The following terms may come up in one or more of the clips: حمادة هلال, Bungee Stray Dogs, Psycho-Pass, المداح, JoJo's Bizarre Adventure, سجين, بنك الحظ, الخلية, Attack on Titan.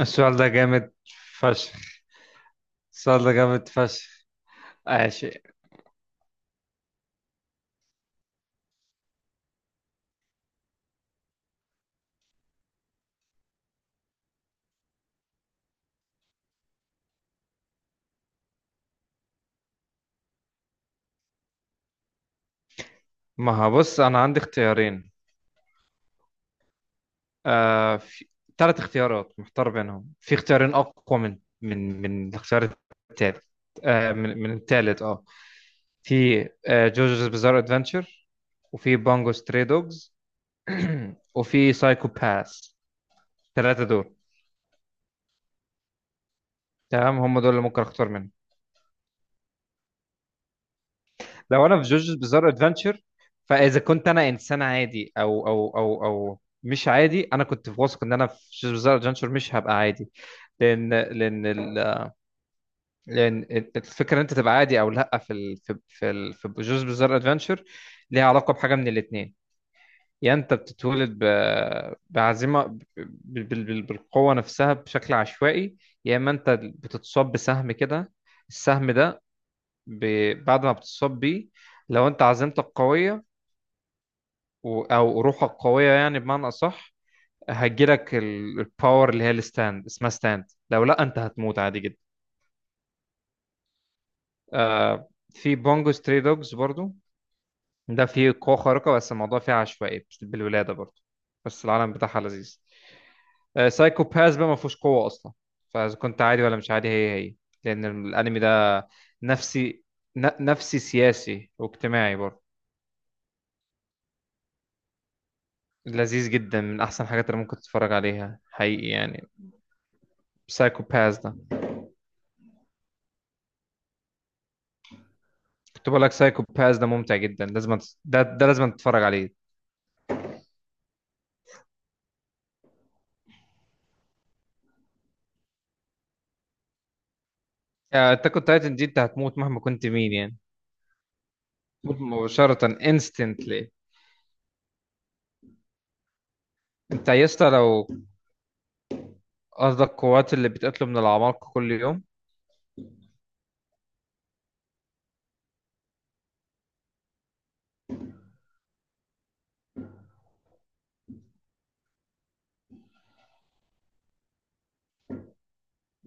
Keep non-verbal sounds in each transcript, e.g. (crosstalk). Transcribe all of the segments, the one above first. السؤال ده جامد فشخ السؤال ده جامد فشخ. ماشي. ما هو بص، انا عندي اختيارين، آه، في ثلاث اختيارات محتار بينهم، في اختيارين اقوى من الاختيار التالت. آه، من من التالت في جوجوز بزار ادفنتشر، وفي بانجو ستري دوجز، (clears throat) وفي سايكو باس. الثلاثه دول. تمام، هم دول اللي ممكن اختار منهم. لو انا في جوجو's بزار ادفنتشر، فاذا كنت انا انسان عادي او مش عادي، انا كنت واثق ان انا في جوجو's بزار ادفنتشر مش هبقى عادي، لان لان ال- لان الفكره ان انت تبقى عادي او لا في ال في في ال في جوجو's بزار ادفنتشر ليها علاقه بحاجه من الاثنين. يا انت بتتولد بعزيمه، بالقوه نفسها بشكل عشوائي، يا اما انت بتتصاب بسهم كده. السهم ده بعد ما بتتصاب بيه، لو انت عزيمتك قويه او روحك قويه، يعني بمعنى اصح، هتجيلك الباور اللي هي الستاند، اسمها ستاند. لو لا، انت هتموت عادي جدا. في بونجو ستري دوجز برضو، ده فيه قوه خارقه، بس الموضوع فيه عشوائي بالولاده برضو، بس العالم بتاعها لذيذ. سايكو باس بقى ما فيهوش قوه اصلا، فاذا كنت عادي ولا مش عادي هي هي، لان الانمي ده نفسي نفسي سياسي واجتماعي برضو. لذيذ جدا، من احسن الحاجات اللي ممكن تتفرج عليها حقيقي يعني. سايكو باس، كنت بقول لك سايكو باس ده ممتع جدا، لازم ده لازم تتفرج عليه. انت كنت تايتن دي انت هتموت مهما كنت مين يعني. تموت مباشرة instantly. انت يا اسطى لو قصدك قوات اللي بتقتله من العمالقة كل يوم.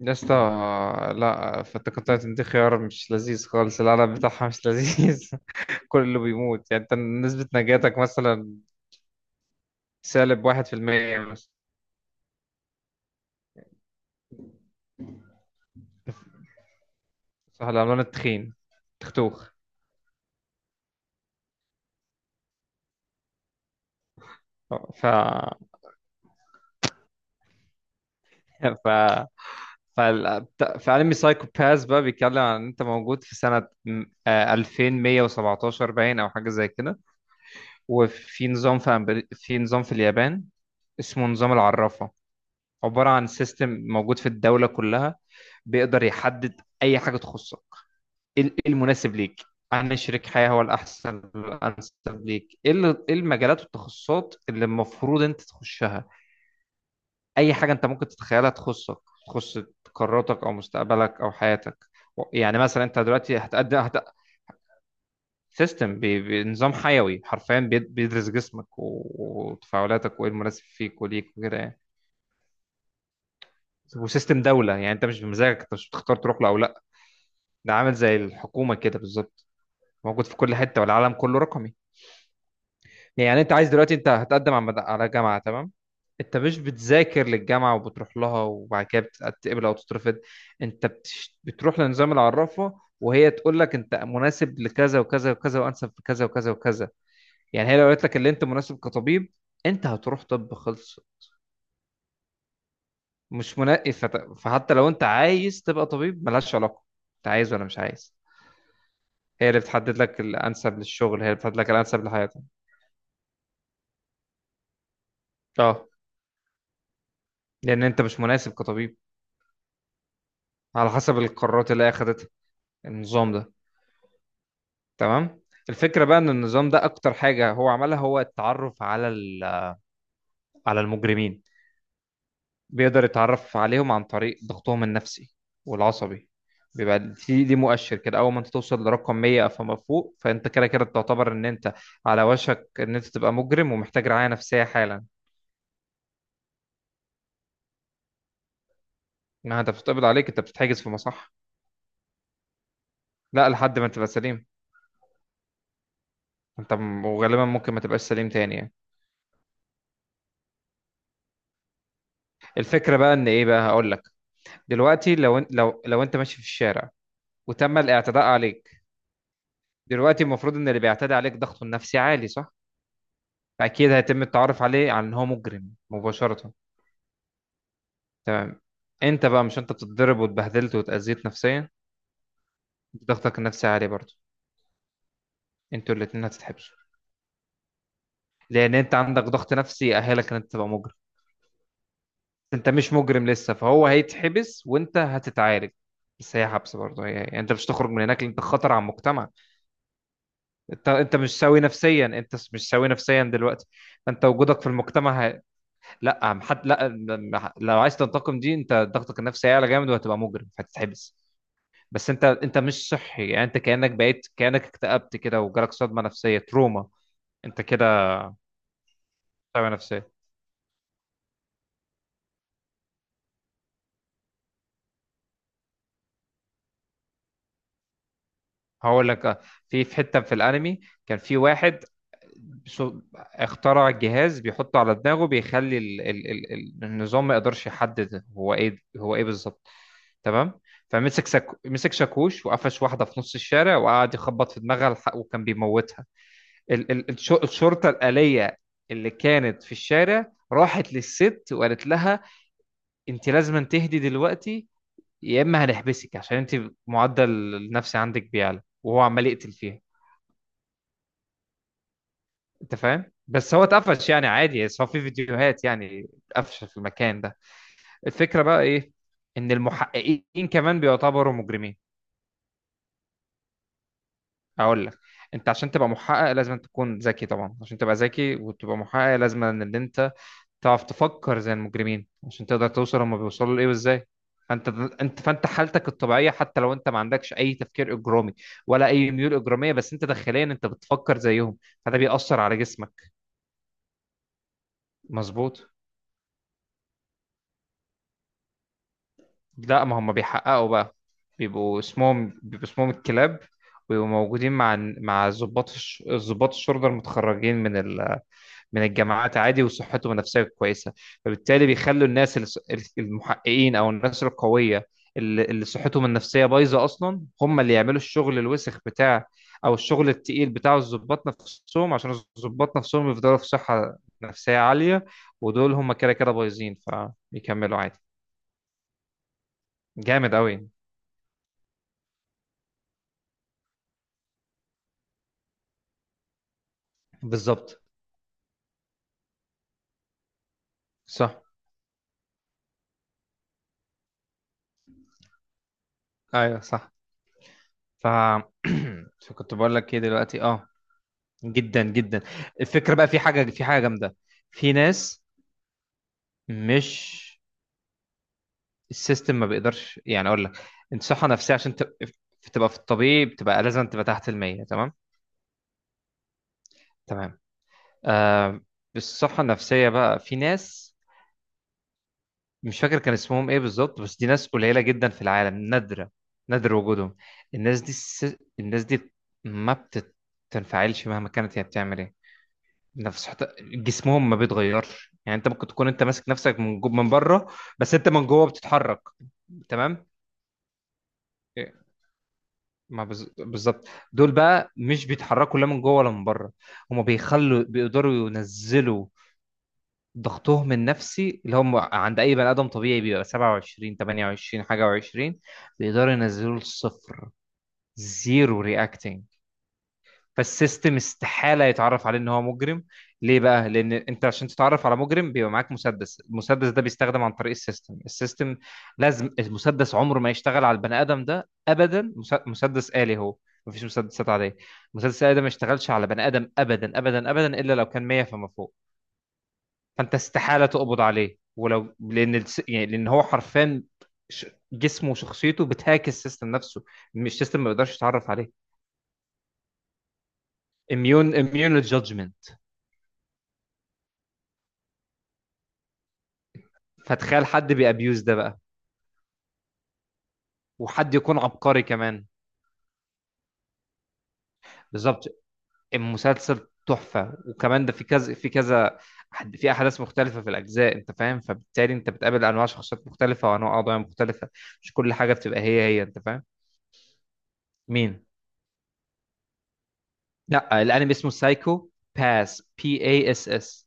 يا اسطى، لا، فانت تايتن دي خيار مش لذيذ خالص، العالم بتاعها مش لذيذ. (laughs) كله بيموت يعني، انت نسبة نجاتك مثلا سالب واحد في المية مثلا. صح، العملان التخين، تختوخ. ف (laughs) ف في انمي سايكو باس بقى بيتكلم عن إن انت موجود في سنة 2117 باين او حاجة زي كده. وفي نظام في في نظام في اليابان اسمه نظام العرافة. عبارة عن سيستم موجود في الدولة كلها، بيقدر يحدد اي حاجة تخصك. إيه المناسب ليك عن شريك حياة، هو الأحسن الأنسب ليك، إيه المجالات والتخصصات اللي المفروض أنت تخشها. اي حاجه انت ممكن تتخيلها تخصك، تخص قراراتك او مستقبلك او حياتك. يعني مثلا انت دلوقتي سيستم بنظام حيوي حرفيا، بيدرس جسمك وتفاعلاتك وايه المناسب فيك وليك وكده يعني. وسيستم دوله، يعني انت مش بمزاجك، انت مش بتختار تروح له او لا. ده عامل زي الحكومه كده بالظبط، موجود في كل حته، والعالم كله رقمي. يعني انت عايز دلوقتي انت هتقدم على جامعه، تمام؟ انت مش بتذاكر للجامعه وبتروح لها وبعد كده بتتقبل او تترفض. انت بتروح لنظام العرافه وهي تقول لك انت مناسب لكذا وكذا وكذا، وانسب في كذا وكذا وكذا. يعني هي لو قالت لك اللي انت مناسب كطبيب، انت هتروح طب خلص، مش منقي. فحتى لو انت عايز تبقى طبيب ملهاش علاقه، انت عايز ولا مش عايز. هي اللي بتحدد لك الانسب للشغل، هي اللي بتحدد لك الانسب لحياتك. اه، لان انت مش مناسب كطبيب، على حسب القرارات اللي هي اخدتها. النظام ده. تمام. الفكرة بقى ان النظام ده اكتر حاجة هو عملها هو التعرف على على المجرمين. بيقدر يتعرف عليهم عن طريق ضغطهم النفسي والعصبي. بيبقى دي دي مؤشر كده، اول ما انت توصل لرقم 100 فما فوق، فانت كده كده تعتبر ان انت على وشك ان انت تبقى مجرم ومحتاج رعاية نفسية حالا. انها انت بتتقبض عليك، انت بتتحجز في مصح. لا، لحد ما تبقى سليم. وغالبا ممكن ما تبقاش سليم تاني يعني. الفكرة بقى ان ايه بقى، هقول لك. دلوقتي لو إن- لو لو انت ماشي في الشارع وتم الاعتداء عليك، دلوقتي المفروض ان اللي بيعتدي عليك ضغطه النفسي عالي، صح؟ فاكيد هيتم التعرف عليه على ان هو مجرم مباشرة. تمام. انت بقى، مش انت بتتضرب واتبهدلت واتأذيت نفسيا، انت ضغطك النفسي عالي برضه، انتوا الاتنين هتتحبسوا. لان انت عندك ضغط نفسي يأهلك ان انت تبقى مجرم. انت مش مجرم لسه، فهو هيتحبس وانت هتتعالج، بس هي حبس برضه هي يعني، انت مش تخرج من هناك لأن انت خطر على المجتمع. انت مش سوي نفسيا، انت مش سوي نفسيا دلوقتي. فانت وجودك في المجتمع. لا عم- حد لا م- لو عايز تنتقم، دي انت ضغطك النفسي هيعلى جامد وهتبقى مجرم فهتتحبس. بس انت مش صحي يعني، انت كانك بقيت كانك اكتئبت كده وجالك صدمه نفسيه تروما. انت كده. صدمه نفسيه. هقول لك في حته في الانمي، كان في واحد اخترع جهاز بيحطه على دماغه بيخلي النظام ما يقدرش يحدد هو ايه، هو ايه بالظبط. تمام. فمسك مسك شاكوش وقفش واحده في نص الشارع وقعد يخبط في دماغها، وكان بيموتها. الشرطة الآلية اللي كانت في الشارع راحت للست وقالت لها انت لازم تهدي دلوقتي، يا اما هنحبسك عشان انت معدل النفسي عندك بيعلى، وهو عمال يقتل فيها. انت فاهم؟ بس هو اتقفش يعني عادي، بس هو في فيديوهات يعني اتقفش في المكان ده. الفكرة بقى ايه، ان المحققين كمان بيعتبروا مجرمين. اقول لك، انت عشان تبقى محقق لازم تكون ذكي طبعا، عشان تبقى ذكي وتبقى محقق لازم ان انت تعرف تفكر زي المجرمين عشان تقدر توصل هما بيوصلوا لايه وازاي. فانت، انت فانت حالتك الطبيعيه، حتى لو انت ما عندكش اي تفكير اجرامي ولا اي ميول اجراميه، بس انت داخليا انت بتفكر زيهم، فده بيأثر على جسمك. مظبوط. لا، ما هم بيحققوا بقى. بيبقوا اسمهم الكلاب، ويبقوا موجودين مع ضباط ضباط الشرطه المتخرجين من من الجامعات عادي وصحتهم النفسيه كويسه، فبالتالي بيخلوا الناس المحققين او الناس القويه اللي صحتهم النفسيه بايظه اصلا، هم اللي يعملوا الشغل الوسخ بتاع، او الشغل التقيل بتاع الضباط نفسهم، عشان الضباط نفسهم يفضلوا في صحه نفسيه عاليه، ودول هم كده كده بايظين فبيكملوا عادي. جامد قوي. بالظبط. صح. ايوه صح. ف (clears throat) فكنت بقول لك ايه دلوقتي، جدا جدا. الفكره بقى في حاجه جامده. في ناس، مش، السيستم ما بيقدرش، يعني اقول لك، انت صحه نفسيه عشان تبقى في الطبيعي بتبقى لازم تبقى تحت المية، تمام؟ تمام. آه. الصحه النفسيه بقى، في ناس، مش فاكر كان اسمهم ايه بالظبط، بس دي ناس قليله جدا في العالم، نادره، نادر وجودهم. الناس دي الناس دي ما بتنفعلش مهما كانت هي بتعمل ايه. نفس، حتى جسمهم ما بيتغيرش، يعني انت ممكن تكون انت ماسك نفسك من من بره، بس انت من جوه بتتحرك. تمام. ما بز- بالظبط، دول بقى مش بيتحركوا لا من جوه ولا من بره. هم بيخلوا، بيقدروا ينزلوا ضغطهم النفسي اللي هم، عند اي بني ادم طبيعي بيبقى 27 28 حاجه و20، بيقدروا ينزلوا لصفر، زيرو reacting. فالسيستم استحالة يتعرف عليه ان هو مجرم. ليه بقى؟ لان انت عشان تتعرف على مجرم بيبقى معاك مسدس، المسدس ده بيستخدم عن طريق السيستم. السيستم لازم، المسدس عمره ما يشتغل على البني ادم ده ابدا. مسدس آلي هو، مفيش مسدسات عادية، مسدس آلي ده ما يشتغلش على بني ادم ابدا ابدا ابدا، الا لو كان 100 فما فوق. فانت استحالة تقبض عليه، ولو لان يعني لان هو حرفيا، ش- جسمه وشخصيته بتهاك السيستم نفسه، مش السيستم ما بيقدرش يتعرف عليه. اميون، اميون للجادجمنت. فتخيل حد بيأبيوز ده بقى، وحد يكون عبقري كمان. بالظبط. المسلسل تحفة، وكمان ده في كذا في كذا، في أحداث مختلفة في الأجزاء، أنت فاهم، فبالتالي أنت بتقابل أنواع شخصيات مختلفة وأنواع قضايا مختلفة، مش كل حاجة بتبقى هي هي، أنت فاهم. مين؟ لا، الأنمي اسمه سايكو باس، PSS.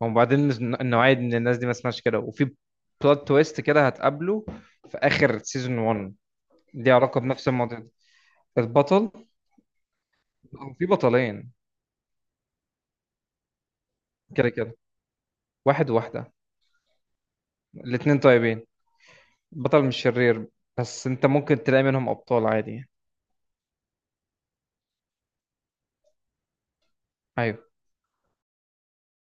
وبعدين النوعية من الناس دي ما اسمهاش كده، وفي بلوت تويست كده هتقابله في آخر سيزون 1. ليه علاقة بنفس الموضوع ده. البطل، هو في بطلين، كده كده، واحد وواحدة. الاتنين طيبين، بطل مش شرير، بس انت ممكن تلاقي منهم ابطال عادي. ايوه.